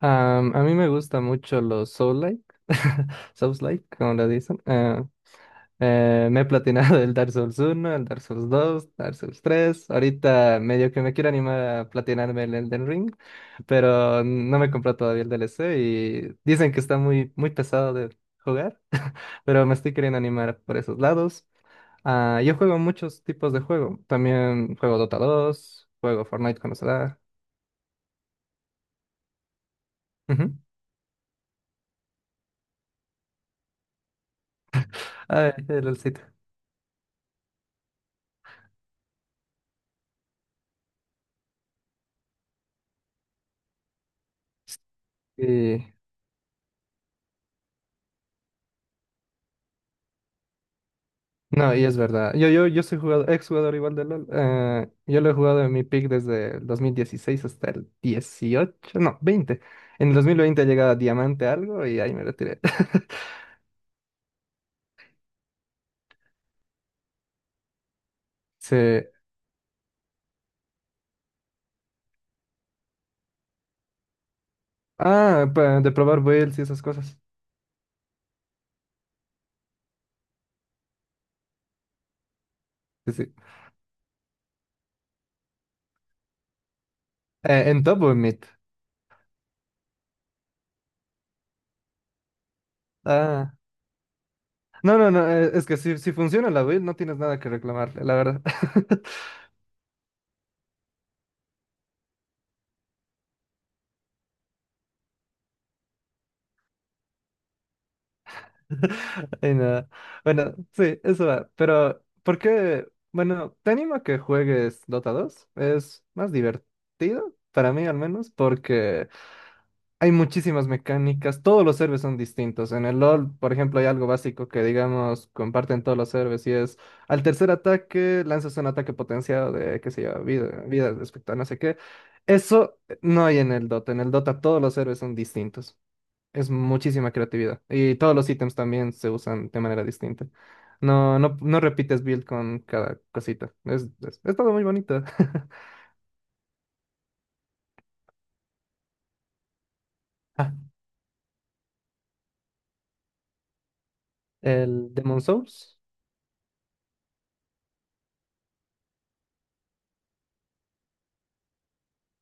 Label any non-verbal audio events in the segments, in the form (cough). A mí me gustan mucho los Soul-like, (laughs) Souls-like, como le dicen. Me he platinado el Dark Souls uno, el Dark Souls dos, Dark Souls tres. Ahorita medio que me quiero animar a platinarme el Elden Ring, pero no me compró todavía el DLC y dicen que está muy, muy pesado de jugar, (laughs) pero me estoy queriendo animar por esos lados. Ah, yo juego muchos tipos de juego. También juego Dota dos, juego Fortnite cuando se da. Ujú. Ay, el LOLcito. No, y es verdad. Yo soy jugador, ex jugador igual de LOL. Yo lo he jugado en mi pick desde el 2016 hasta el 18. No, 20. En el 2020 llegaba Diamante algo y ahí me retiré. (laughs) Sí. Ah, pa- de probar builds y esas cosas. Sí, sí. ¿En top o en mid? Ah. No, no, no, es que si funciona la build no tienes nada que reclamarle, la verdad. (laughs) (laughs) Ay, no. Bueno, sí, eso va. Pero, ¿por qué? Bueno, te animo a que juegues Dota dos. Es más divertido, para mí al menos, porque hay muchísimas mecánicas. Todos los servers son distintos. En el LoL, por ejemplo, hay algo básico que, digamos, comparten todos los servers y es al tercer ataque lanzas un ataque potenciado de, qué sé yo, vida, vida respecto a no sé qué. Eso no hay en el Dota. En el Dota todos los servers son distintos. Es muchísima creatividad. Y todos los ítems también se usan de manera distinta. No, repites build con cada cosita. Es todo muy bonito. (laughs) Ah, ¿el Demon Souls?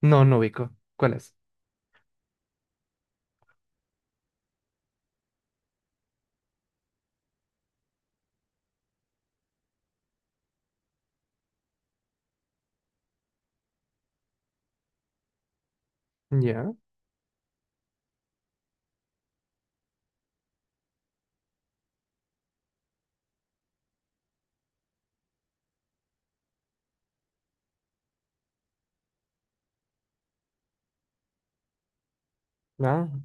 No, no ubico. ¿Cuál es? Ya, ah,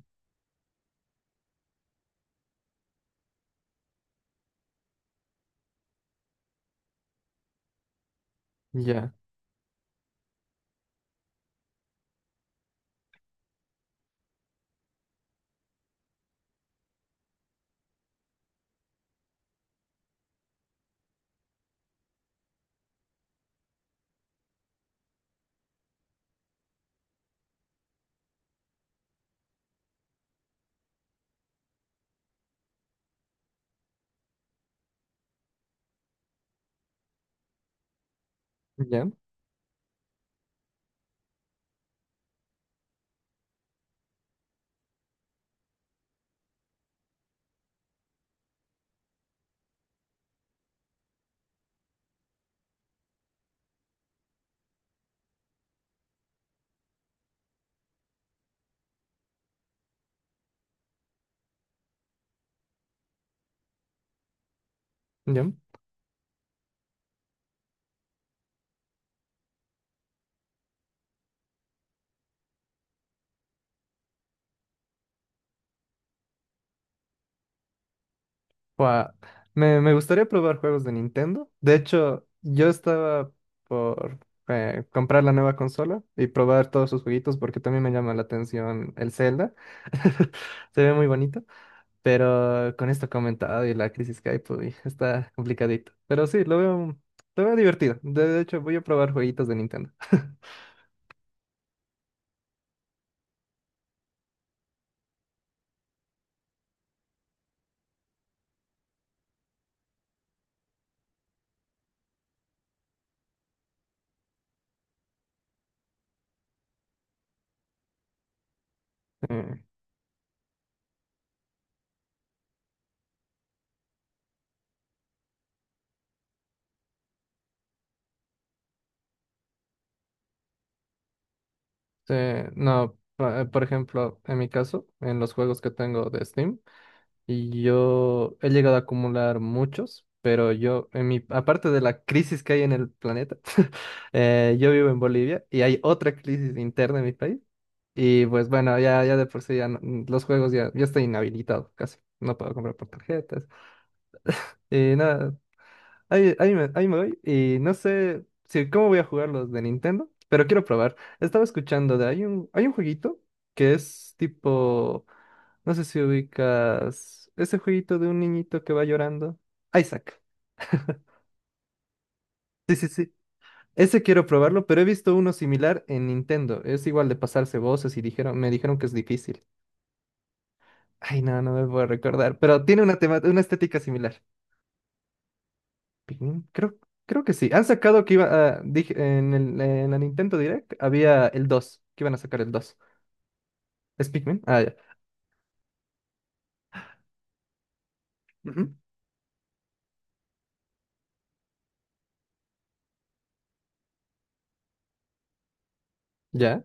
ya, ya, ya. Buah, me gustaría probar juegos de Nintendo. De hecho, yo estaba por comprar la nueva consola y probar todos sus jueguitos porque también me llama la atención el Zelda. (laughs) Se ve muy bonito. Pero con esto comentado y la crisis que hay, pues uy, está complicadito. Pero sí, lo veo divertido. De hecho, voy a probar jueguitos de Nintendo. Eh, sí, no, pa- por ejemplo, en mi caso, en los juegos que tengo de Steam, y yo he llegado a acumular muchos, pero yo, en mi, aparte de la crisis que hay en el planeta, (laughs) yo vivo en Bolivia y hay otra crisis interna en mi país. Y pues bueno, ya de por sí ya no- los juegos ya estoy inhabilitado casi. No puedo comprar por tarjetas. Nada, ahí me voy. Y no sé si cómo voy a jugar los de Nintendo, pero quiero probar. Estaba escuchando de hay un jueguito que es tipo, no sé si ubicas ese jueguito de un niñito que va llorando. Isaac. (laughs) Sí, sí, sí. Ese quiero probarlo, pero he visto uno similar en Nintendo. Es igual de pasarse voces y dijeron, me dijeron que es difícil. Ay, no, no me puedo recordar, pero tiene una tema, una estética similar. Pikmin, creo, creo que sí. Han sacado que iba a, dije, en el, en la Nintendo Direct había el 2 que iban a sacar el dos. ¿Es Pikmin? Ah, ya. Ujú. Ya.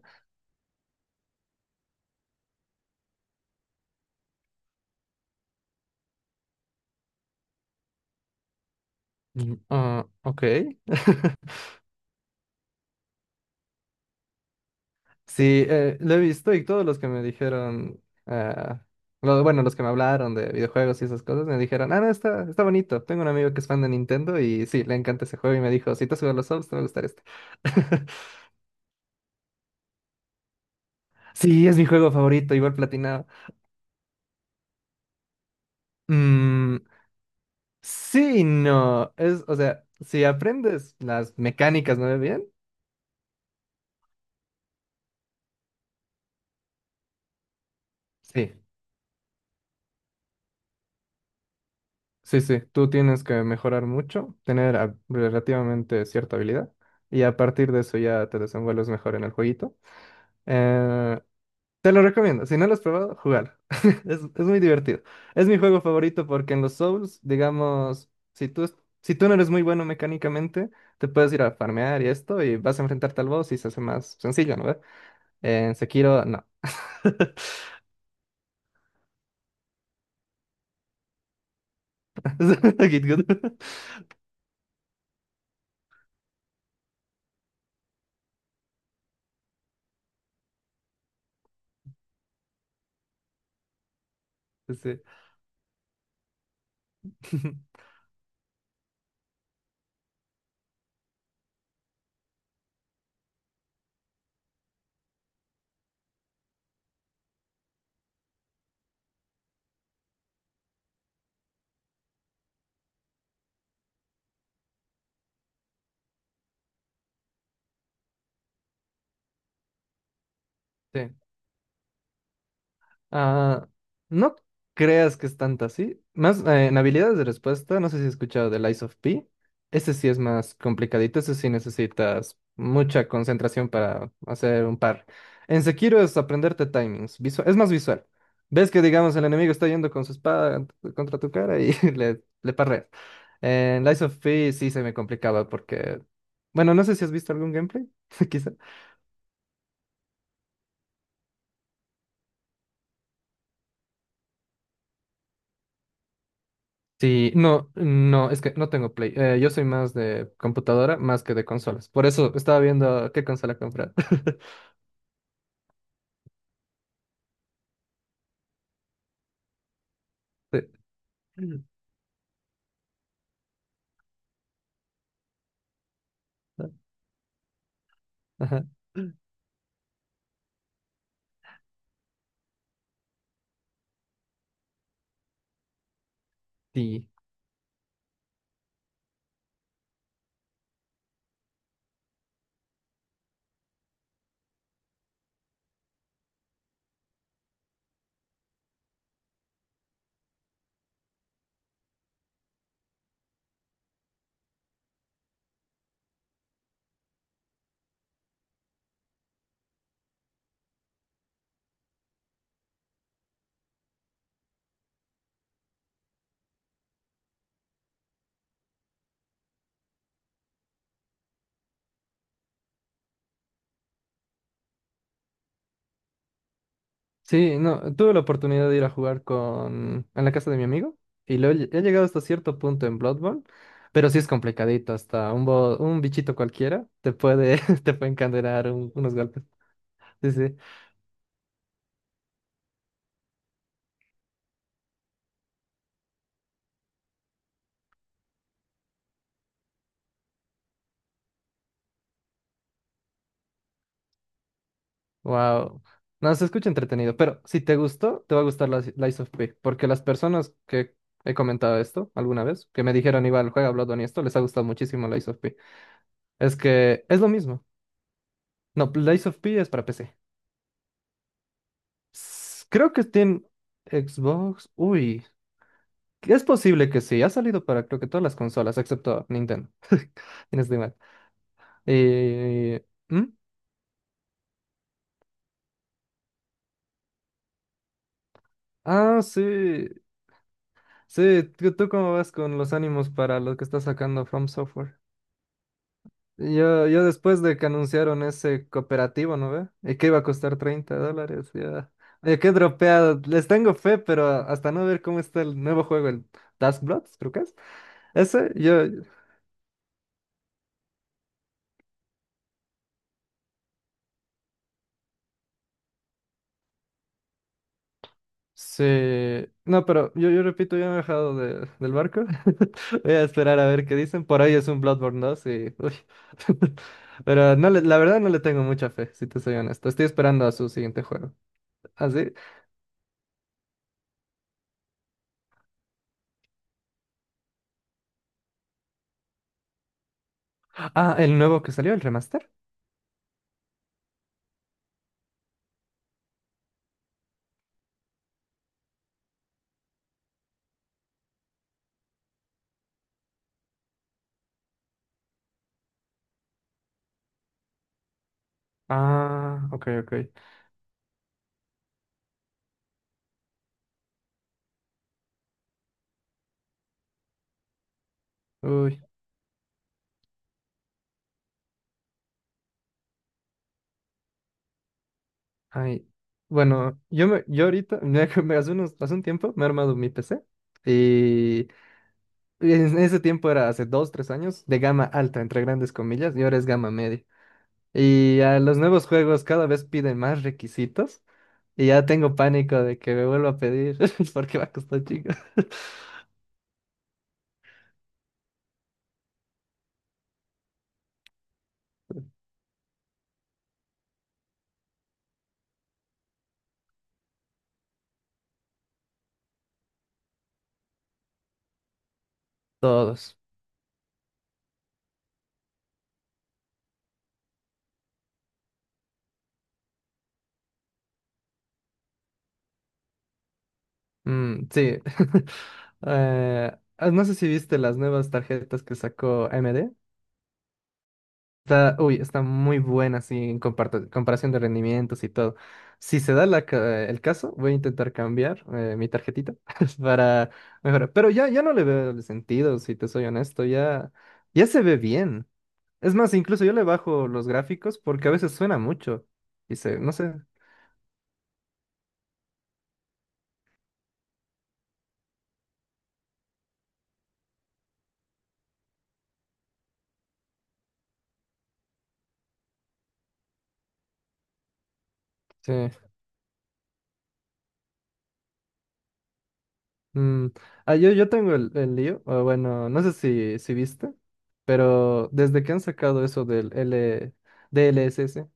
Mm, ah, ok. (laughs) Sí, lo he visto y todos los que me dijeron, ah, lo- bueno, los que me hablaron de videojuegos y esas cosas, me dijeron, ah, no, está, está bonito. Tengo un amigo que es fan de Nintendo y sí, le encanta ese juego y me dijo, si te has jugado los Souls, te va a gustar este. (laughs) Sí, es mi juego favorito, igual platinado. Mm, sí, y no. Es, o sea, si aprendes las mecánicas, ¿no? Bien. Sí, sí, sí. Tú tienes que mejorar mucho, tener a- relativamente cierta habilidad y a partir de eso ya te desenvuelves mejor en el jueguito. Eh, te lo recomiendo. Si no lo has probado, jugar. (laughs) Es muy divertido. Es mi juego favorito porque en los Souls, digamos, si tú, es- si tú no eres muy bueno mecánicamente, te puedes ir a farmear y esto y vas a enfrentarte al boss y se hace más sencillo, ¿no? ¿Ve? En Sekiro, no. (laughs) (laughs) Kid Good. (laughs) Sí. (laughs) Sí. Ah, no creas que es tanta así. Más en habilidades de respuesta, no sé si has escuchado del Lies of P. Ese sí es más complicadito, ese sí necesitas mucha concentración para hacer un par. En Sekiro es aprenderte timings, visual, es más visual. Ves que, digamos, el enemigo está yendo con su espada t- contra tu cara y (laughs) le parreas. En Lies of P sí se me complicaba porque... Bueno, no sé si has visto algún gameplay, (laughs) quizá. Sí, no, no, es que no tengo Play. Yo soy más de computadora más que de consolas. Por eso estaba viendo qué consola comprar. (laughs) Sí. Ajá. Sí. Sí, no, tuve la oportunidad de ir a jugar con en la casa de mi amigo y lo he, lle- he llegado hasta cierto punto en Bloodborne, pero sí es complicadito, hasta un bo- un bichito cualquiera te puede (laughs) te puede encadenar un- unos golpes. Sí, sí. Wow. No, se escucha entretenido, pero si te gustó, te va a gustar la si, Lies of P, porque las personas que he comentado esto alguna vez, que me dijeron, igual, juega Bloodborne y esto, les ha gustado muchísimo Lies of P. Es que es lo mismo. No, Lies of P es para PC. S- Creo que tiene Xbox. Uy, es posible que sí. Ha salido para creo que todas las consolas, excepto Nintendo. (laughs) ¿Tienes no estoy mal? ¿Hmm? Ah, sí. Sí, ¿tú, tú cómo vas con los ánimos para lo que está sacando From Software? Yo después de que anunciaron ese cooperativo, ¿no ve? Y que iba a costar $30, ya. Oye, qué dropeado. Les tengo fe, pero hasta no ver cómo está el nuevo juego, el Task Bloods, creo que es. Ese, yo, sí. No, pero yo repito, ya me he bajado de- del barco. (laughs) Voy a esperar a ver qué dicen. Por ahí es un Bloodborne 2 y... uy. (laughs) Pero no le- la verdad no le tengo mucha fe, si te soy honesto. Estoy esperando a su siguiente juego. Así. Ah, sí. Ah, el nuevo que salió, el remaster. Ah, ok, ok. Uy, ay. Bueno, yo me, yo ahorita, me, (laughs) me- hace unos, hace un tiempo me he armado mi PC y en ese tiempo era hace dos, tres años de gama alta, entre grandes comillas, y ahora es gama media. Y a los nuevos juegos cada vez piden más requisitos y ya tengo pánico de que me vuelva a pedir (laughs) porque va a costar chico. (laughs) Todos. Mm, sí. (laughs) Ah, no sé si viste las nuevas tarjetas que sacó AMD. Está, uy, está muy buena, así en comparto- comparación de rendimientos y todo. Si se da la ca- el caso, voy a intentar cambiar mi tarjetita (laughs) para mejorar. Pero ya, ya no le veo el sentido, si te soy honesto, ya, ya se ve bien. Es más, incluso yo le bajo los gráficos porque a veces suena mucho. Y se, no sé, sí mm, ah, yo tengo el lío, o bueno, no sé si, si viste, pero desde que han sacado eso del L, DLSS.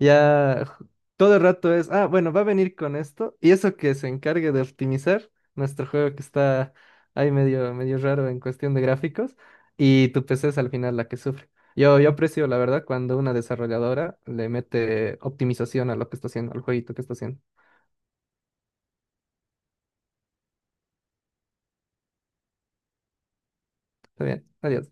Ya ju- todo el rato es, ah, bueno, va a venir con esto y eso que se encargue de optimizar nuestro juego que está ahí medio, medio raro en cuestión de gráficos y tu PC es al final la que sufre. Yo aprecio, la verdad, cuando una desarrolladora le mete optimización a lo que está haciendo, al jueguito que está haciendo. Está bien, adiós.